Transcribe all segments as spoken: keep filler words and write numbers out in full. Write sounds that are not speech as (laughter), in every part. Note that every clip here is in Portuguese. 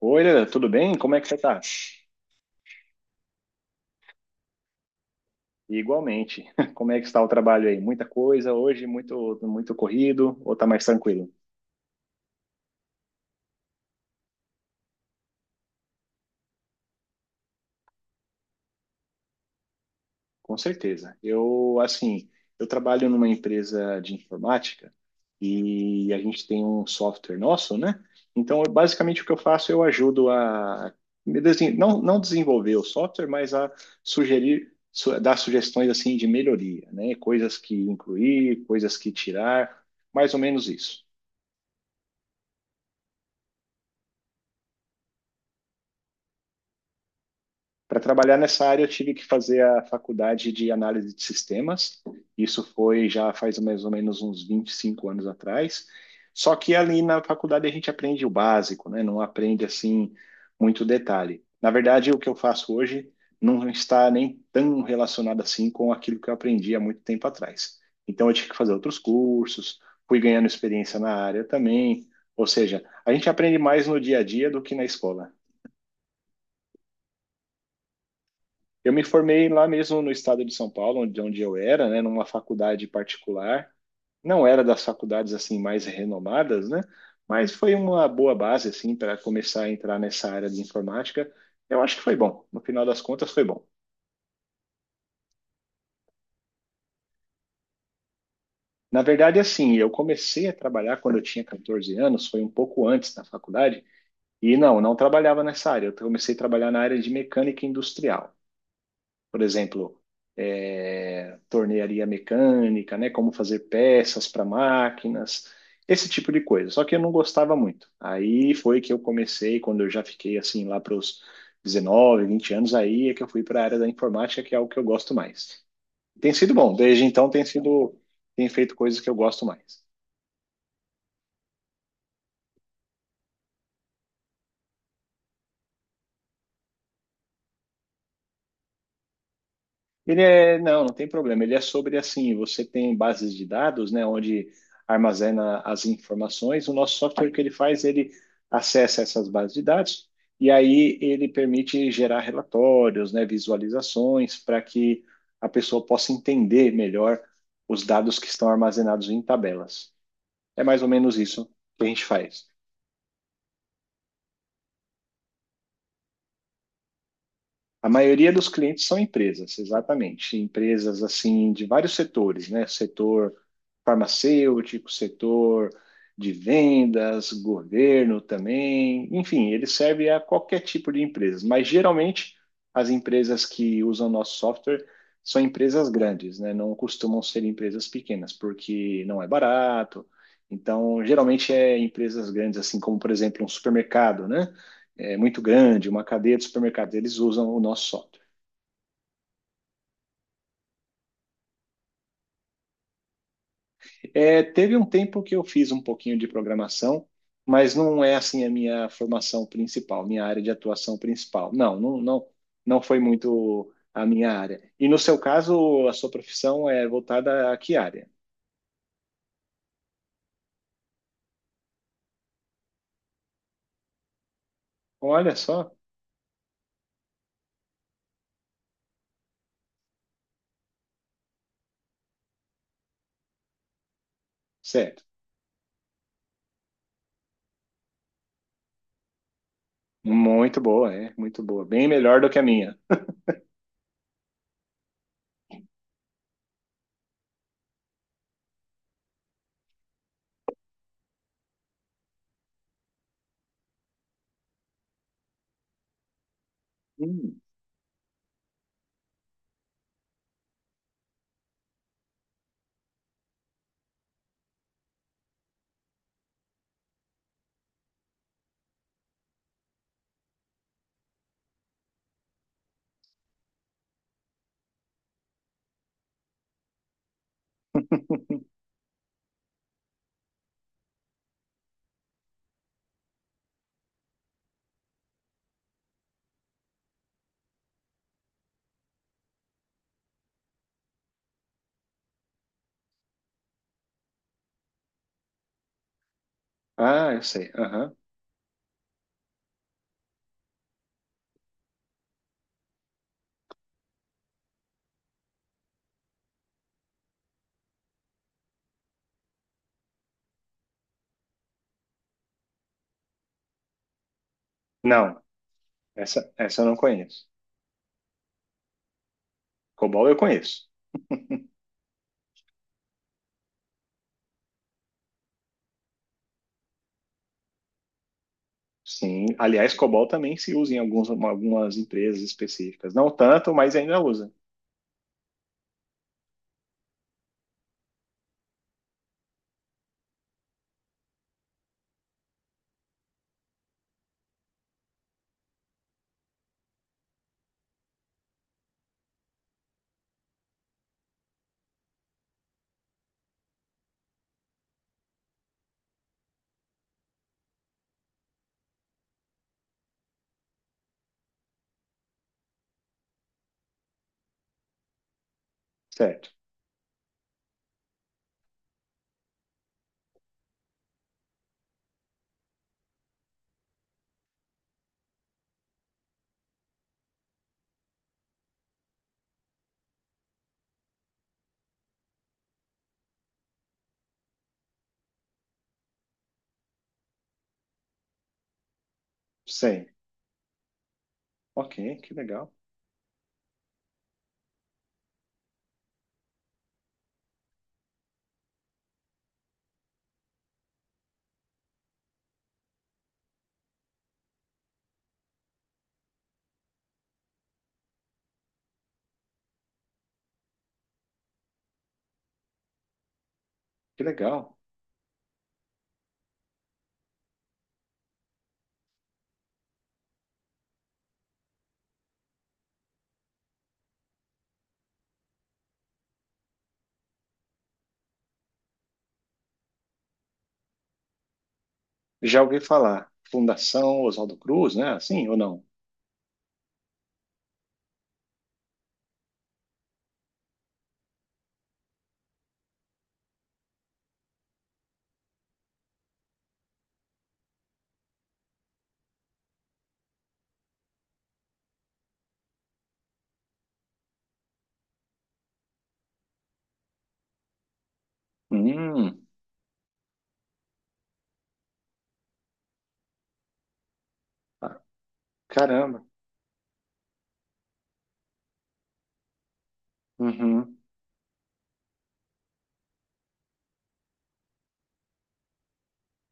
Oi, Leda, tudo bem? Como é que você está? Igualmente. (laughs) Como é que está o trabalho aí? Muita coisa hoje, muito muito corrido ou está mais tranquilo? Com certeza. Eu, assim, eu trabalho numa empresa de informática e a gente tem um software nosso, né? Então, eu- basicamente o que eu faço, eu ajudo a me desen- não não desenvolver o software, mas a sugerir su- dar sugestões assim de melhoria, né? Coisas que incluir, coisas que tirar, mais ou menos isso. Para trabalhar nessa área, eu tive que fazer a faculdade de análise de sistemas. Isso foi já faz mais ou menos uns vinte e cinco anos atrás. Só que ali na faculdade a gente aprende o básico, né? Não aprende assim muito detalhe. Na verdade, o que eu faço hoje não está nem tão relacionado assim com aquilo que eu aprendi há muito tempo atrás. Então, eu tive que fazer outros cursos, fui ganhando experiência na área também. Ou seja, a gente aprende mais no dia a dia do que na escola. Eu me formei lá mesmo no estado de São Paulo, onde, onde eu era, né, numa faculdade particular. Não era das faculdades assim mais renomadas, né? Mas foi uma boa base assim para começar a entrar nessa área de informática. Eu acho que foi bom. No final das contas, foi bom. Na verdade, assim, eu comecei a trabalhar quando eu tinha catorze anos, foi um pouco antes da faculdade, e não, não trabalhava nessa área. Eu comecei a trabalhar na área de mecânica industrial. Por exemplo, é, tornearia mecânica, né? Como fazer peças para máquinas, esse tipo de coisa. Só que eu não gostava muito. Aí foi que eu comecei, quando eu já fiquei assim lá para os dezenove, vinte anos, aí é que eu fui para a área da informática, que é o que eu gosto mais. Tem sido bom, desde então tem sido, tem feito coisas que eu gosto mais. Ele é, não, não tem problema. Ele é sobre assim, você tem bases de dados, né, onde armazena as informações. O nosso software o que ele faz, ele acessa essas bases de dados e aí ele permite gerar relatórios, né, visualizações para que a pessoa possa entender melhor os dados que estão armazenados em tabelas. É mais ou menos isso que a gente faz. A maioria dos clientes são empresas, exatamente. Empresas assim de vários setores, né? Setor farmacêutico, setor de vendas, governo também. Enfim, ele serve a qualquer tipo de empresa, mas geralmente as empresas que usam nosso software são empresas grandes, né? Não costumam ser empresas pequenas, porque não é barato. Então, geralmente é empresas grandes, assim como, por exemplo, um supermercado, né? É, muito grande, uma cadeia de supermercados, eles usam o nosso software. É, teve um tempo que eu fiz um pouquinho de programação, mas não é assim a minha formação principal, minha área de atuação principal. Não, não, não, não foi muito a minha área. E no seu caso, a sua profissão é voltada a que área? Olha só, certo. Muito boa, é, muito boa. Bem melhor do que a minha. Hum. (laughs) Ah, eu sei. Aham. Não, essa, essa eu não conheço. COBOL eu conheço. (laughs) Sim, aliás, COBOL também se usa em alguns, algumas empresas específicas. Não tanto, mas ainda usa. Certo. Sim. Ok, que legal. Que legal. Já ouvi falar. Fundação Oswaldo Cruz, né? Assim ou não? Hum, ah, caramba. Uhum.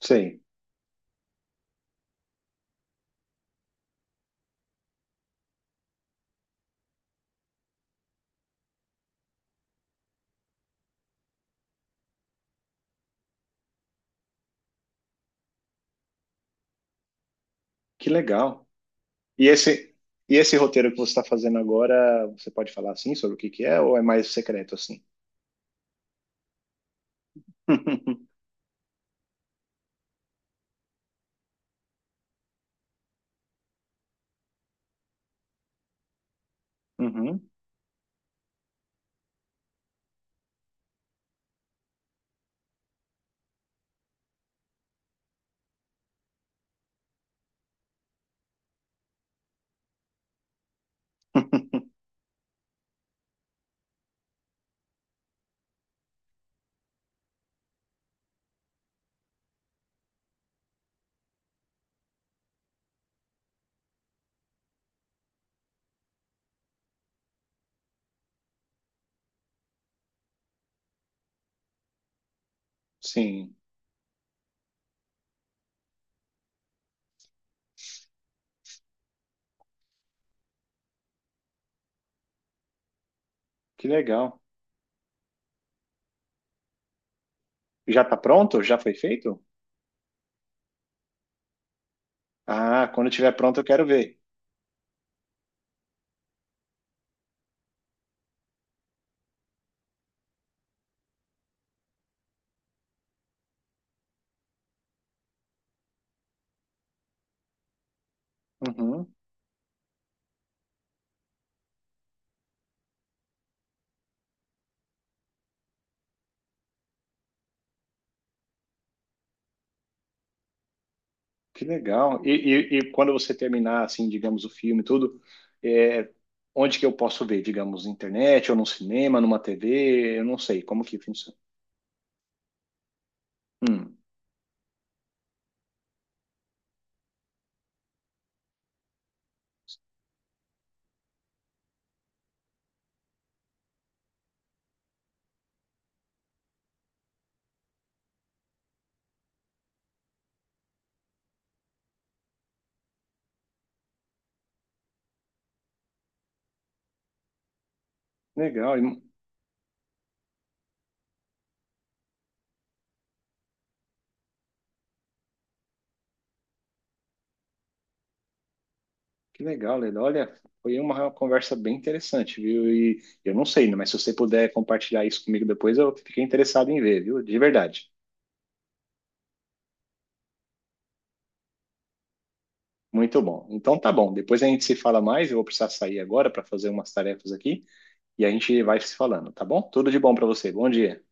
Sei. Que legal. E esse, e esse roteiro que você está fazendo agora, você pode falar assim sobre o que que é ou é mais secreto assim? (laughs) Uhum. (laughs) Sim. Que legal. Já está pronto? Já foi feito? Ah, quando estiver pronto eu quero ver. Uhum, que legal. E, e- e quando você terminar, assim, digamos, o filme e tudo, é, onde que eu posso ver? Digamos, na internet, ou num cinema, numa tê vê, eu não sei como que funciona. Hum, legal, e- que legal, Leda. Olha, foi uma conversa bem interessante, viu? E eu não sei, né, mas se você puder compartilhar isso comigo depois, eu fiquei interessado em ver, viu? De verdade. Muito bom. Então tá bom. Depois a gente se fala mais. Eu vou precisar sair agora para fazer umas tarefas aqui. E a gente vai se falando, tá bom? Tudo de bom para você. Bom dia.